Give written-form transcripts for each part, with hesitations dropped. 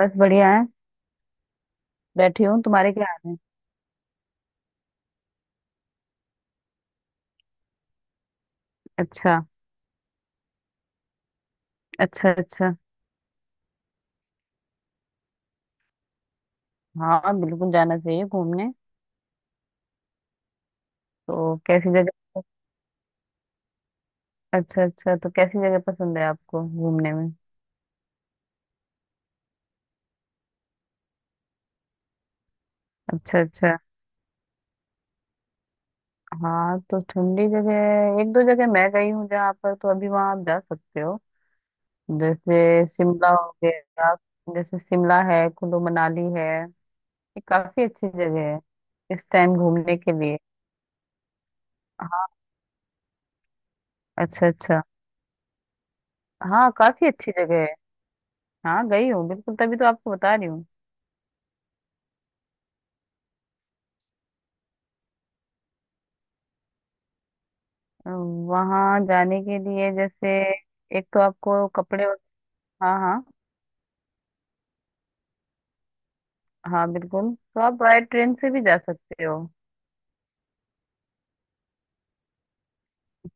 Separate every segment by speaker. Speaker 1: बस बढ़िया है। बैठी हूँ, तुम्हारे क्या हाल है? अच्छा, अच्छा। अच्छा। हाँ, बिल्कुल जाना चाहिए घूमने। तो कैसी जगह? अच्छा, अच्छा। तो कैसी जगह पसंद है आपको घूमने में? अच्छा, अच्छा। हाँ, तो ठंडी जगह एक दो जगह मैं गई हूँ जहाँ पर, तो अभी वहाँ आप जा सकते हो। जैसे शिमला हो गया। जैसे शिमला है, कुल्लू मनाली है। ये काफी अच्छी जगह है इस टाइम घूमने के लिए। हाँ। अच्छा, अच्छा। हाँ, काफी अच्छी जगह है। हाँ, गई हूँ बिल्कुल, तभी तो आपको बता रही हूँ। वहां जाने के लिए, जैसे एक तो आपको कपड़े। हाँ, हाँ। हाँ, बिल्कुल, तो आप बाय ट्रेन से भी जा सकते हो।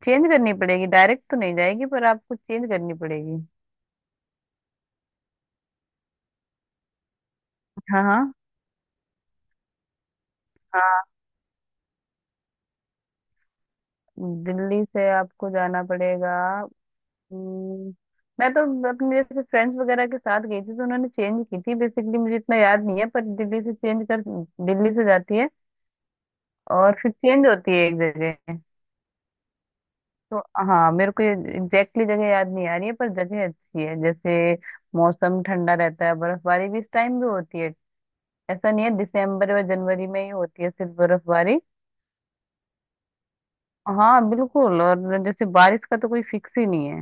Speaker 1: चेंज करनी पड़ेगी, डायरेक्ट तो नहीं जाएगी, पर आपको चेंज करनी पड़ेगी। हाँ, हाँ। हाँ। दिल्ली से आपको जाना पड़ेगा। हम्म, मैं तो अपने जैसे फ्रेंड्स वगैरह के साथ गई थी, तो उन्होंने चेंज की थी। बेसिकली मुझे इतना याद नहीं है, पर दिल्ली से चेंज कर। दिल्ली से जाती है, और फिर चेंज होती है एक जगह। तो हाँ, मेरे को एग्जैक्टली जगह याद नहीं आ रही है, पर जगह अच्छी है। जैसे मौसम ठंडा रहता है, बर्फबारी भी इस टाइम भी होती है। ऐसा नहीं है दिसंबर और जनवरी में ही होती है सिर्फ बर्फबारी। हाँ, बिल्कुल। और जैसे बारिश का तो कोई फिक्स ही नहीं है,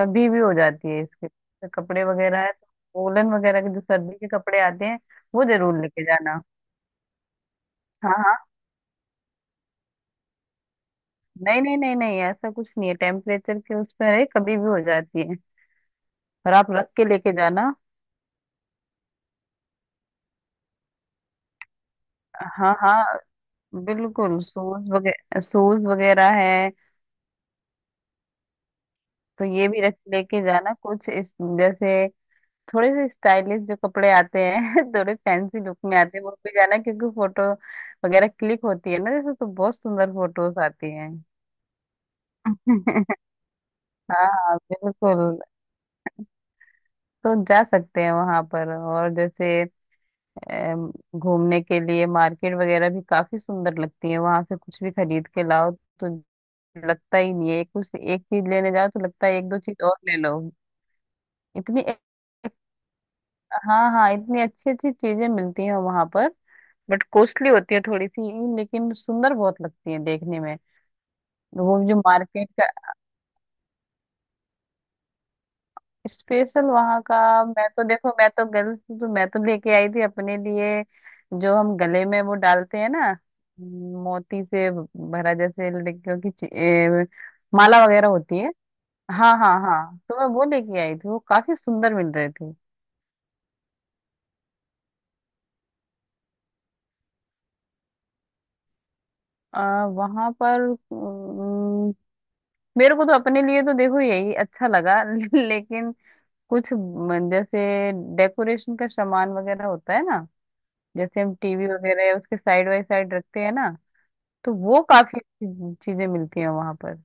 Speaker 1: कभी भी हो जाती है। इसके तो कपड़े वगैरह है, तो वोलन वगैरह के जो सर्दी के कपड़े आते हैं वो जरूर लेके जाना। हाँ, हाँ। नहीं, नहीं, नहीं, नहीं, ऐसा कुछ नहीं है, टेम्परेचर के उस पर है, कभी भी हो जाती है। और आप रख के लेके जाना। हाँ, हाँ, बिल्कुल। सूज वगैरह, सूज वगैरह है। तो ये भी रख लेके जाना कुछ इस। जैसे थोड़े से स्टाइलिश जो कपड़े आते हैं थोड़े फैंसी लुक में आते हैं, वो भी जाना क्योंकि फोटो वगैरह क्लिक होती है ना। जैसे तो बहुत सुंदर फोटोज आती हैं। हाँ, हाँ, बिल्कुल। तो जा सकते हैं वहां पर। और जैसे अम, घूमने के लिए मार्केट वगैरह भी काफी सुंदर लगती है, वहां से कुछ भी खरीद के लाओ तो लगता ही नहीं है। एक कुछ एक चीज लेने जाओ तो लगता है एक दो चीज और ले लो। इतनी। हाँ, हाँ, इतनी अच्छी अच्छी चीजें मिलती हैं वहां पर। बट कॉस्टली होती है थोड़ी सी, लेकिन सुंदर बहुत लगती है देखने में। वो जो मार्केट का। स्पेशल वहाँ का। मैं तो देखो, मैं तो गर्ल्स, तो मैं तो लेके आई थी अपने लिए जो हम गले में वो डालते हैं ना। मोती से भरा, जैसे लड़कियों की माला वगैरह होती है। हाँ, हाँ, हाँ, तो मैं वो लेके आई थी, वो काफी सुंदर मिल रहे थे। वहां पर मेरे को तो अपने लिए तो देखो यही अच्छा लगा, लेकिन कुछ जैसे डेकोरेशन का सामान वगैरह होता है ना। जैसे हम टीवी वगैरह है, उसके साइड बाय साइड रखते हैं ना। तो वो काफी अच्छी चीजें मिलती हैं वहां पर।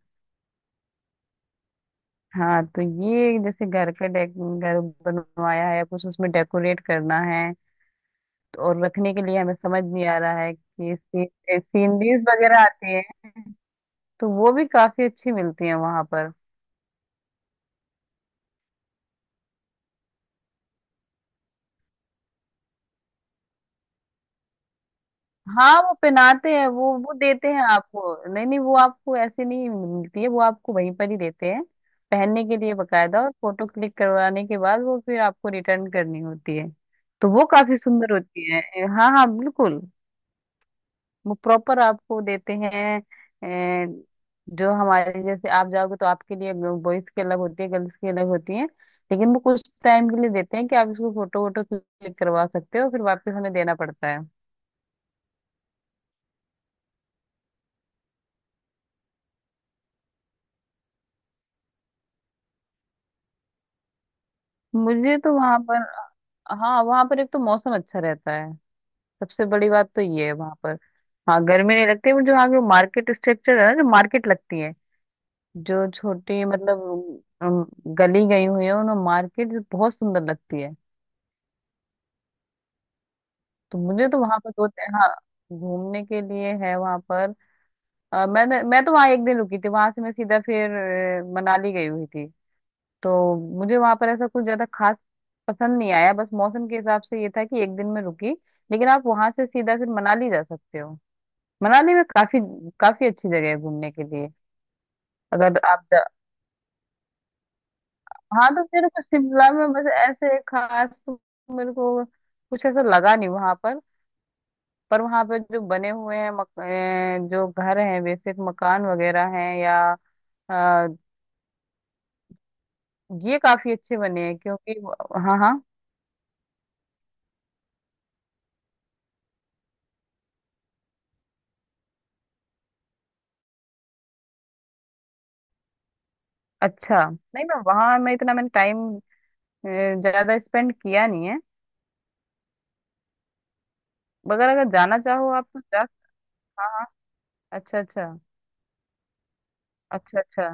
Speaker 1: हाँ, तो ये जैसे घर का डेक घर बनवाया है, कुछ उसमें डेकोरेट करना है, तो और रखने के लिए हमें समझ नहीं आ रहा है कि सीनरीज वगैरह आती है, तो वो भी काफी अच्छी मिलती है वहां पर। हाँ वो पहनाते हैं, वो देते हैं आपको। नहीं, नहीं, वो आपको ऐसे नहीं मिलती है, वो आपको वहीं पर ही देते हैं पहनने के लिए बकायदा, और फोटो क्लिक करवाने के बाद वो फिर आपको रिटर्न करनी होती है। तो वो काफी सुंदर होती है। हाँ, हाँ, बिल्कुल। वो प्रॉपर आपको देते हैं। ए, जो हमारे जैसे आप जाओगे तो आपके लिए बॉयज की अलग होती है, गर्ल्स की अलग होती है। लेकिन वो कुछ टाइम के लिए देते हैं कि आप इसको फोटो वोटो क्लिक करवा सकते हो, फिर वापस हमें देना पड़ता है। मुझे तो वहां पर, हाँ वहां पर एक तो मौसम अच्छा रहता है, सबसे बड़ी बात तो ये है वहां पर। हाँ, गर्मी नहीं लगती, बट जो आगे मार्केट स्ट्रक्चर है ना, जो मार्केट लगती है जो छोटी, मतलब अम, गली गई हुई है, उन्हें मार्केट जो बहुत सुंदर लगती है। तो मुझे तो वहां पर दो, हाँ घूमने के लिए है वहां पर। मैं तो वहां एक दिन रुकी थी, वहां से मैं सीधा फिर मनाली गई हुई थी। तो मुझे वहां पर ऐसा कुछ ज्यादा खास पसंद नहीं आया, बस मौसम के हिसाब से ये था कि एक दिन में रुकी। लेकिन आप वहां से सीधा फिर मनाली जा सकते हो। मनाली में काफी, काफी अच्छी जगह है घूमने के लिए। अगर आप हाँ, तो मेरे को शिमला में बस ऐसे खास तो मेरे को कुछ ऐसा लगा नहीं वहां पर। पर वहां पर जो बने हुए हैं जो घर हैं, बेसिक मकान वगैरह हैं, या अ, ये काफी अच्छे बने हैं क्योंकि। हाँ, हाँ। अच्छा नहीं, मैं वहां, मैं इतना मैंने टाइम ज्यादा स्पेंड किया नहीं है। मगर अगर जाना चाहो आप तो जा। हाँ, हाँ। अच्छा, अच्छा। अच्छा, अच्छा।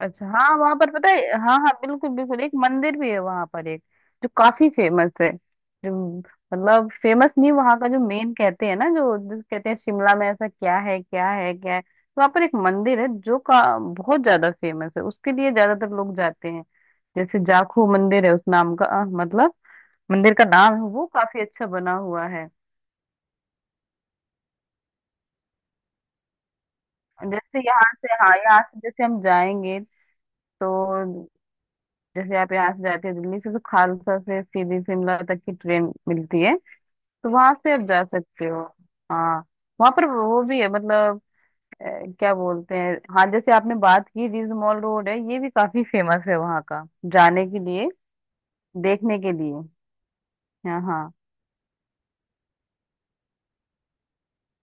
Speaker 1: अच्छा। हाँ वहां पर पता है, हाँ हाँ बिल्कुल बिल्कुल, एक मंदिर भी है वहां पर एक जो काफी फेमस है। जो मतलब फेमस नहीं, वहां का जो मेन कहते हैं ना, जो जिस कहते हैं शिमला में ऐसा क्या है, क्या है, क्या है, तो वहां पर एक मंदिर है जो का बहुत ज्यादा फेमस है, उसके लिए ज्यादातर लोग जाते हैं। जैसे जाखू मंदिर है उस नाम का, मतलब मंदिर का नाम है, वो काफी अच्छा बना हुआ है। जैसे यहाँ से, हाँ यहाँ से जैसे हम जाएंगे, तो जैसे आप यहाँ से जाते हो दिल्ली से तो खालसा से सीधी शिमला तक की ट्रेन मिलती है। तो वहां से आप जा सकते हो। हाँ, वहां पर वो भी है, मतलब अ, क्या बोलते हैं। हाँ, जैसे आपने बात की, रिज मॉल रोड है, ये भी काफी फेमस है वहाँ का जाने के लिए, देखने के लिए। हाँ, हाँ।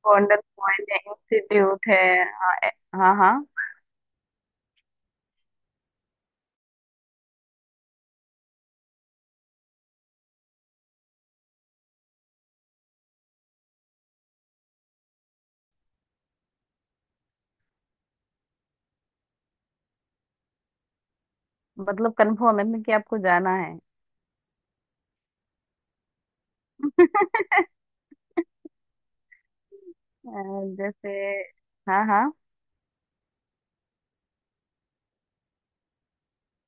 Speaker 1: गोल्डन पॉइंट है, इंस्टीट्यूट है। हाँ, हाँ। मतलब कंफर्म है ना कि आपको जाना है? अ, जैसे, हाँ, हाँ।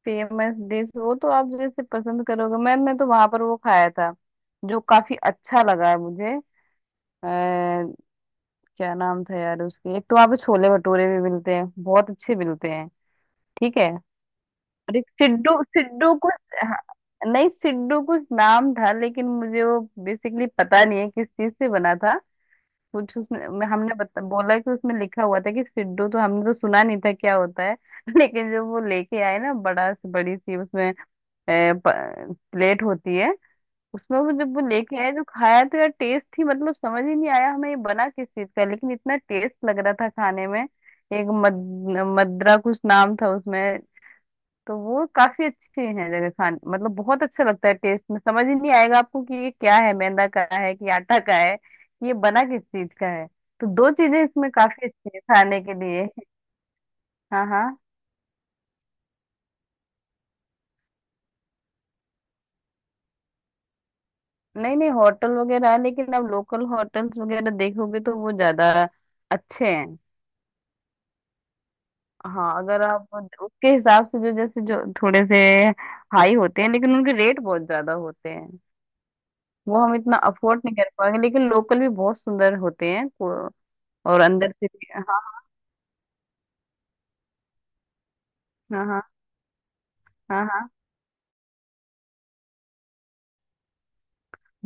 Speaker 1: फेमस डिश वो तो आप जैसे पसंद करोगे मैम, मैं तो वहां पर वो खाया था जो काफी अच्छा लगा है मुझे। आ, क्या नाम था यार उसकी, एक तो वहाँ पे छोले भटूरे भी मिलते हैं, बहुत अच्छे मिलते हैं। ठीक है। और एक सिड्डू, सिड्डू कुछ, हाँ, नहीं सिड्डू कुछ नाम था, लेकिन मुझे वो बेसिकली पता नहीं है किस चीज से बना था। कुछ उसमें हमने बोला कि उसमें लिखा हुआ था कि सिड्डू, तो हमने तो सुना नहीं था क्या होता है लेकिन जब वो लेके आए ना, बड़ा से बड़ी सी उसमें प्लेट होती है। उसमें वो जब वो लेके आए जो खाया, तो यार टेस्ट ही मतलब समझ ही नहीं आया हमें ये बना किस चीज का, लेकिन इतना टेस्ट लग रहा था खाने में, एक मद्रा कुछ नाम था उसमें। तो वो काफी अच्छी है जगह, खान मतलब बहुत अच्छा लगता है टेस्ट में, समझ ही नहीं आएगा आपको कि ये क्या है, मैदा का है कि आटा का है, ये बना किस चीज का है। तो दो चीजें इसमें काफी अच्छी है खाने के लिए। हाँ, हाँ। नहीं, नहीं, होटल वगैरह है, लेकिन आप लोकल होटल्स वगैरह देखोगे तो वो ज्यादा अच्छे हैं। हाँ, अगर आप उसके हिसाब से जो जैसे जो थोड़े से हाई होते हैं, लेकिन उनके रेट बहुत ज्यादा होते हैं। वो हम इतना अफोर्ड नहीं कर पाएंगे, लेकिन लोकल भी बहुत सुंदर होते हैं और अंदर से भी। हाँ, हाँ, हाँ, हाँ, हाँ, हाँ।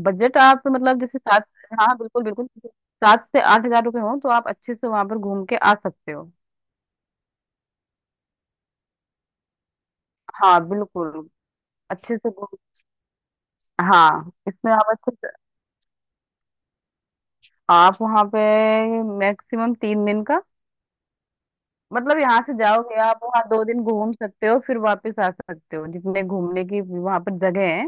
Speaker 1: बजट आप मतलब जैसे सात, हाँ बिल्कुल बिल्कुल, 7 से 8 हज़ार रुपये हो तो आप अच्छे से वहां पर घूम के आ सकते हो। हाँ, बिल्कुल। अच्छे से घूम। हाँ, इसमें आप अच्छे से, आप वहां पे मैक्सिमम 3 दिन का। मतलब यहाँ से जाओगे आप वहाँ 2 दिन घूम सकते हो, फिर वापस आ सकते हो, जितने घूमने की वहां पर जगह है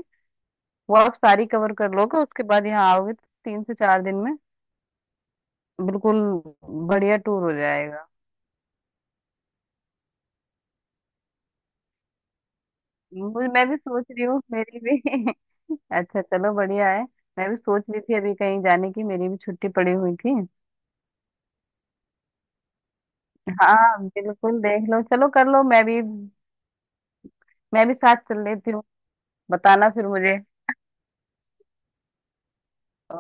Speaker 1: वो आप सारी कवर कर लोगे, उसके बाद यहाँ आओगे तो 3 से 4 दिन में। बिल्कुल, बढ़िया टूर हो जाएगा। मुझे, मैं भी सोच रही हूँ, मेरी भी। अच्छा चलो बढ़िया है। मैं भी सोच रही थी अभी कहीं जाने की, मेरी भी छुट्टी पड़ी हुई थी। हाँ, बिल्कुल, देख लो, चलो कर लो, मैं भी, मैं भी साथ चल लेती हूँ। बताना फिर मुझे।